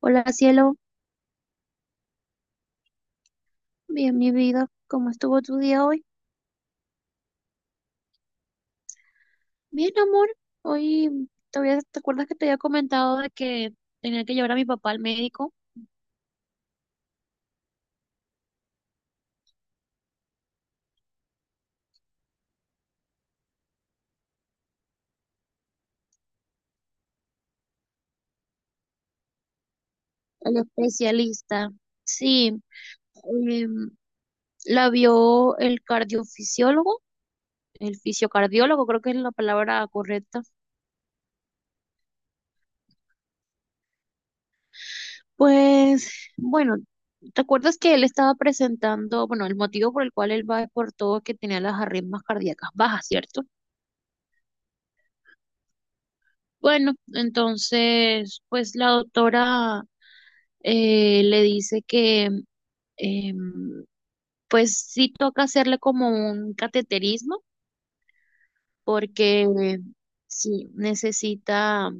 Hola, cielo. Bien, mi vida, ¿cómo estuvo tu día hoy? Bien, amor, hoy todavía te acuerdas que te había comentado de que tenía que llevar a mi papá al médico, al especialista. Sí, em, la vio el cardiofisiólogo, el fisiocardiólogo, creo que es la palabra correcta. Pues bueno, ¿te acuerdas que él estaba presentando? Bueno, el motivo por el cual él va es por todo que tenía las arritmias cardíacas bajas, ¿cierto? Bueno, entonces, pues la doctora le dice que em, pues sí toca hacerle como un cateterismo porque sí necesita,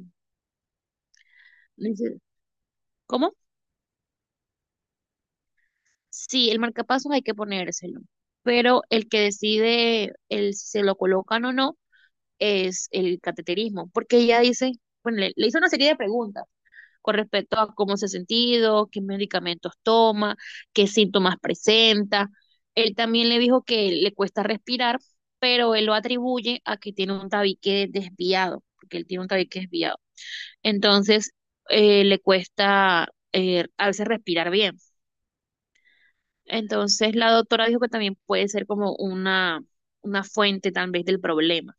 nece- ¿cómo? Sí, el marcapasos hay que ponérselo, pero el que decide el si se lo colocan o no es el cateterismo, porque ella dice, bueno, le hizo una serie de preguntas con respecto a cómo se ha sentido, qué medicamentos toma, qué síntomas presenta. Él también le dijo que le cuesta respirar, pero él lo atribuye a que tiene un tabique desviado, porque él tiene un tabique desviado. Entonces, le cuesta a veces respirar bien. Entonces, la doctora dijo que también puede ser como una fuente tal vez del problema.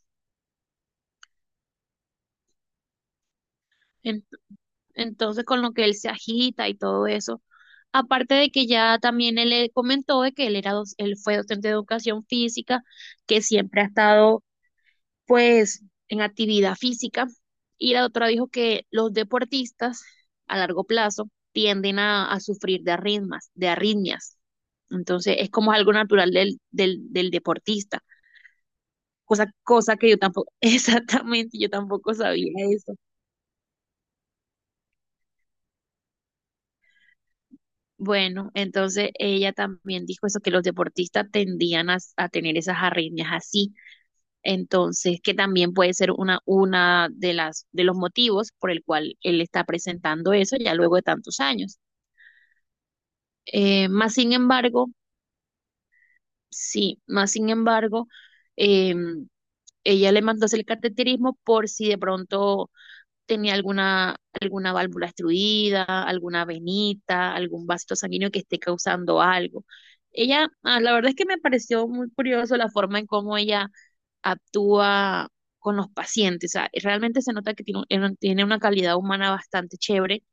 Entonces, con lo que él se agita y todo eso. Aparte de que ya también él le comentó de que él era, él fue docente de educación física, que siempre ha estado pues en actividad física. Y la doctora dijo que los deportistas a largo plazo tienden a sufrir de arritmias, de arritmias. Entonces, es como algo natural del deportista. Cosa, cosa que yo tampoco, exactamente, yo tampoco sabía eso. Bueno, entonces ella también dijo eso, que los deportistas tendían a tener esas arritmias así. Entonces, que también puede ser una de las, de los motivos por el cual él está presentando eso ya luego de tantos años. Más sin embargo, sí, más sin embargo, em, ella le mandó a hacer el cateterismo por si de pronto tenía alguna, alguna válvula obstruida, alguna venita, algún vasito sanguíneo que esté causando algo. Ella, ah, la verdad es que me pareció muy curioso la forma en cómo ella actúa con los pacientes. O sea, realmente se nota que tiene, tiene una calidad humana bastante chévere,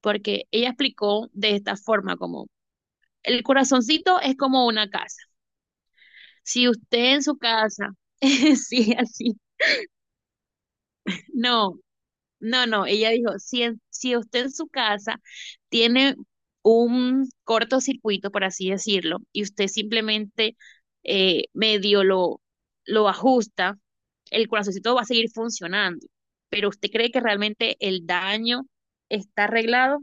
porque ella explicó de esta forma, como el corazoncito es como una casa. Si usted en su casa, sí, así, no. No, no, ella dijo, si, si usted en su casa tiene un cortocircuito, por así decirlo, y usted simplemente eh, medio lo, lo ajusta, el corazoncito va a seguir funcionando, pero usted cree que realmente el daño está arreglado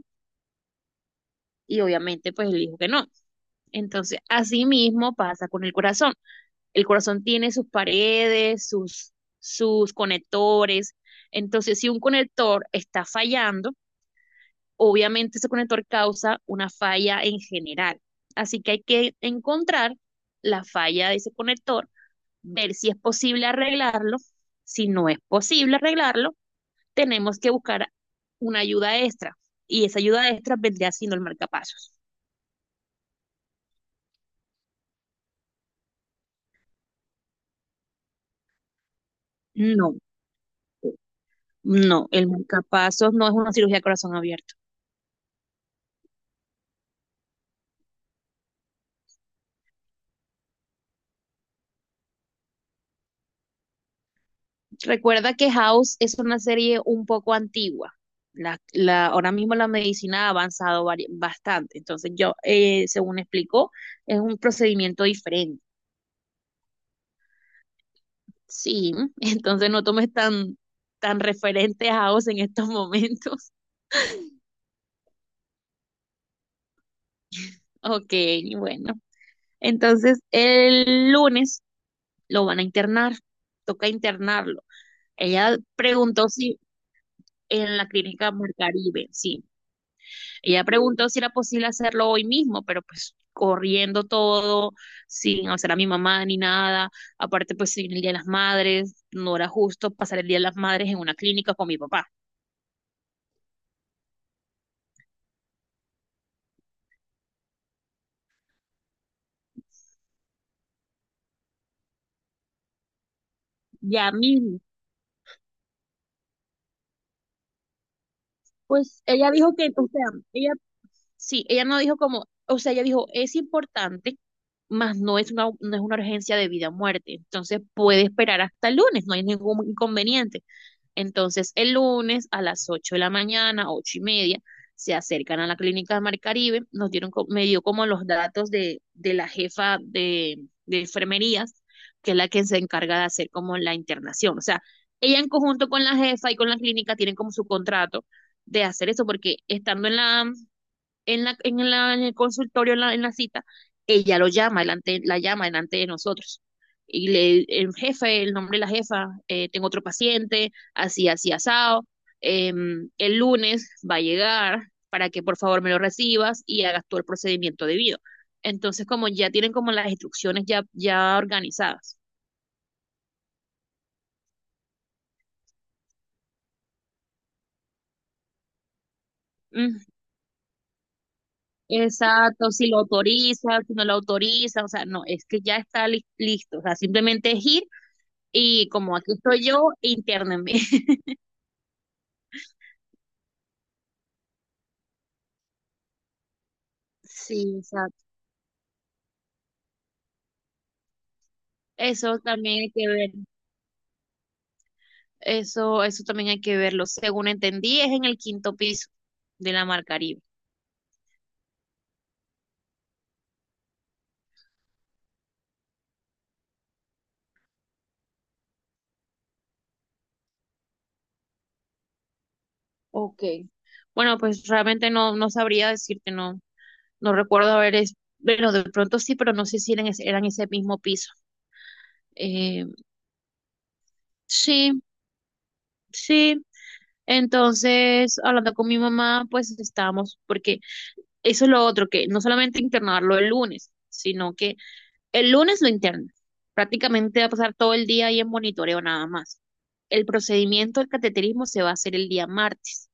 y obviamente pues él dijo que no. Entonces, así mismo pasa con el corazón. El corazón tiene sus paredes, sus conectores. Entonces, si un conector está fallando, obviamente ese conector causa una falla en general. Así que hay que encontrar la falla de ese conector, ver si es posible arreglarlo. Si no es posible arreglarlo, tenemos que buscar una ayuda extra y esa ayuda extra vendría siendo el marcapasos. No, no, el marcapasos no es una cirugía de corazón abierto. Recuerda que House es una serie un poco antigua. Ahora mismo la medicina ha avanzado bastante. Entonces, yo, según explicó, es un procedimiento diferente. Sí, entonces no tomes tan, tan referente a House en estos momentos. Ok, bueno. Entonces, el lunes lo van a internar. Toca internarlo. Ella preguntó si en la clínica Mar Caribe, sí. Ella preguntó si era posible hacerlo hoy mismo, pero pues corriendo todo, sin hacer a mi mamá ni nada. Aparte, pues sin el Día de las Madres, no era justo pasar el Día de las Madres en una clínica con mi papá. Ya mismo. Pues ella dijo que, o sea, ella sí, ella no dijo como, o sea, ella dijo, es importante, mas no es una, no es una urgencia de vida o muerte. Entonces puede esperar hasta el lunes, no hay ningún inconveniente. Entonces, el lunes a las 8 de la mañana, ocho y media, se acercan a la clínica de Mar Caribe, nos dieron, me dio como los datos de la jefa de enfermerías, que es la que se encarga de hacer como la internación. O sea, ella en conjunto con la jefa y con la clínica tienen como su contrato de hacer eso, porque estando en la, en en el consultorio, en en la cita, ella lo llama, la llama delante de nosotros. Y el jefe, el nombre de la jefa, tengo otro paciente, así, así, asado. El lunes va a llegar para que por favor me lo recibas y hagas todo el procedimiento debido. Entonces, como ya tienen como las instrucciones ya, ya organizadas. Mm, exacto, si lo autoriza, si no lo autoriza, o sea, no, es que ya está listo, o sea, simplemente es ir. Y como aquí estoy yo, internenme. Sí, exacto. Eso también hay que ver. Eso también hay que verlo. Según entendí, es en el 5.º piso de la Mar Caribe. Ok. Bueno, pues realmente no, no sabría decirte, no, no recuerdo haber, es, bueno, de pronto sí, pero no sé si eran, eran ese mismo piso. Eh, sí, sí. Entonces, hablando con mi mamá, pues estábamos, porque eso es lo otro, que no solamente internarlo el lunes, sino que el lunes lo internas. Prácticamente va a pasar todo el día ahí en monitoreo nada más. El procedimiento del cateterismo se va a hacer el día martes.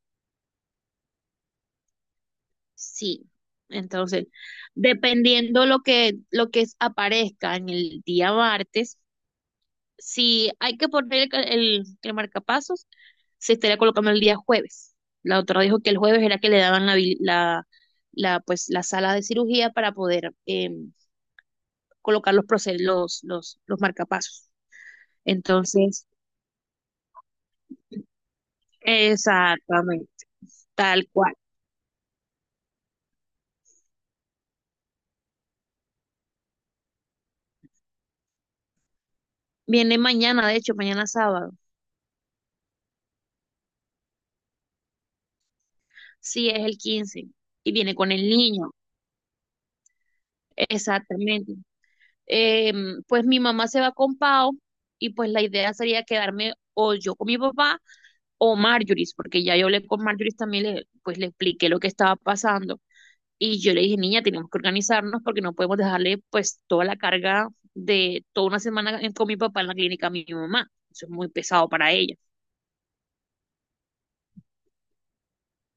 Sí. Entonces, dependiendo lo que, aparezca en el día martes, si hay que poner el marcapasos, se estaría colocando el día jueves. La doctora dijo que el jueves era que le daban la, habil- la, pues, la sala de cirugía para poder colocar los, proce- los marcapasos. Entonces, exactamente, tal cual. Viene mañana, de hecho, mañana sábado. Sí, es el 15 y viene con el niño. Exactamente. Em, pues mi mamá se va con Pau y pues la idea sería quedarme o yo con mi papá o Marjorie, porque ya yo hablé con Marjorie también, pues le expliqué lo que estaba pasando y yo le dije, niña, tenemos que organizarnos porque no podemos dejarle pues toda la carga de toda una semana con mi papá en la clínica a mi mamá. Eso es muy pesado para ella.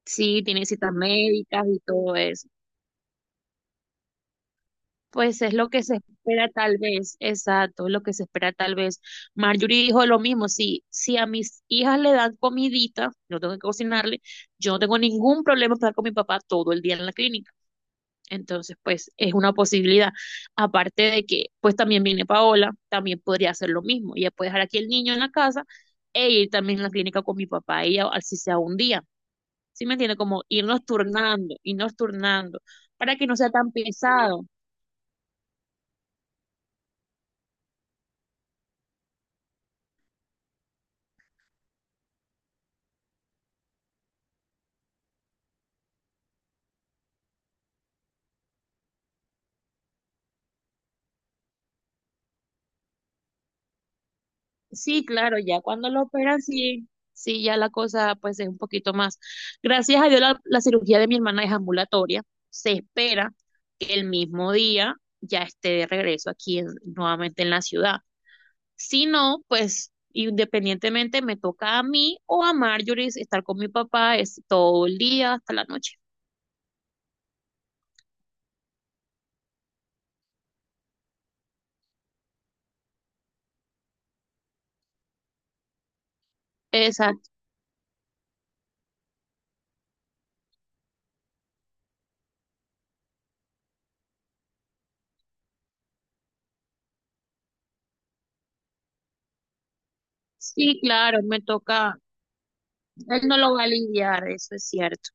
Sí, tiene citas médicas y todo eso. Pues es lo que se espera tal vez, exacto, es lo que se espera tal vez. Marjorie dijo lo mismo, si, si a mis hijas le dan comidita, no tengo que cocinarle, yo no tengo ningún problema para estar con mi papá todo el día en la clínica. Entonces, pues es una posibilidad. Aparte de que, pues también viene Paola, también podría hacer lo mismo. Ella puede dejar aquí el niño en la casa e ir también a la clínica con mi papá, ella, así sea un día. ¿Sí me entiende? Como irnos turnando, para que no sea tan pesado. Sí, claro, ya cuando lo operan, sí, sí, ya la cosa pues es un poquito más. Gracias a Dios la, la cirugía de mi hermana es ambulatoria. Se espera que el mismo día ya esté de regreso aquí nuevamente en la ciudad. Si no, pues independientemente me toca a mí o a Marjorie estar con mi papá es todo el día hasta la noche. Exacto. Sí, claro, me toca, él no lo va a lidiar,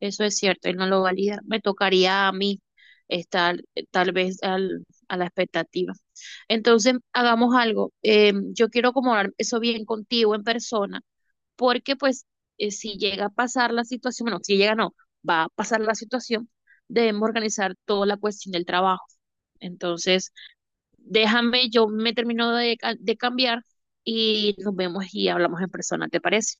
eso es cierto, él no lo va a lidiar. Me tocaría a mí estar tal vez a la expectativa. Entonces, hagamos algo. Yo quiero acomodar eso bien contigo en persona, porque pues si llega a pasar la situación, bueno, si llega no, va a pasar la situación, debemos organizar toda la cuestión del trabajo. Entonces, déjame, yo me termino de, de cambiar y nos vemos y hablamos en persona, ¿te parece?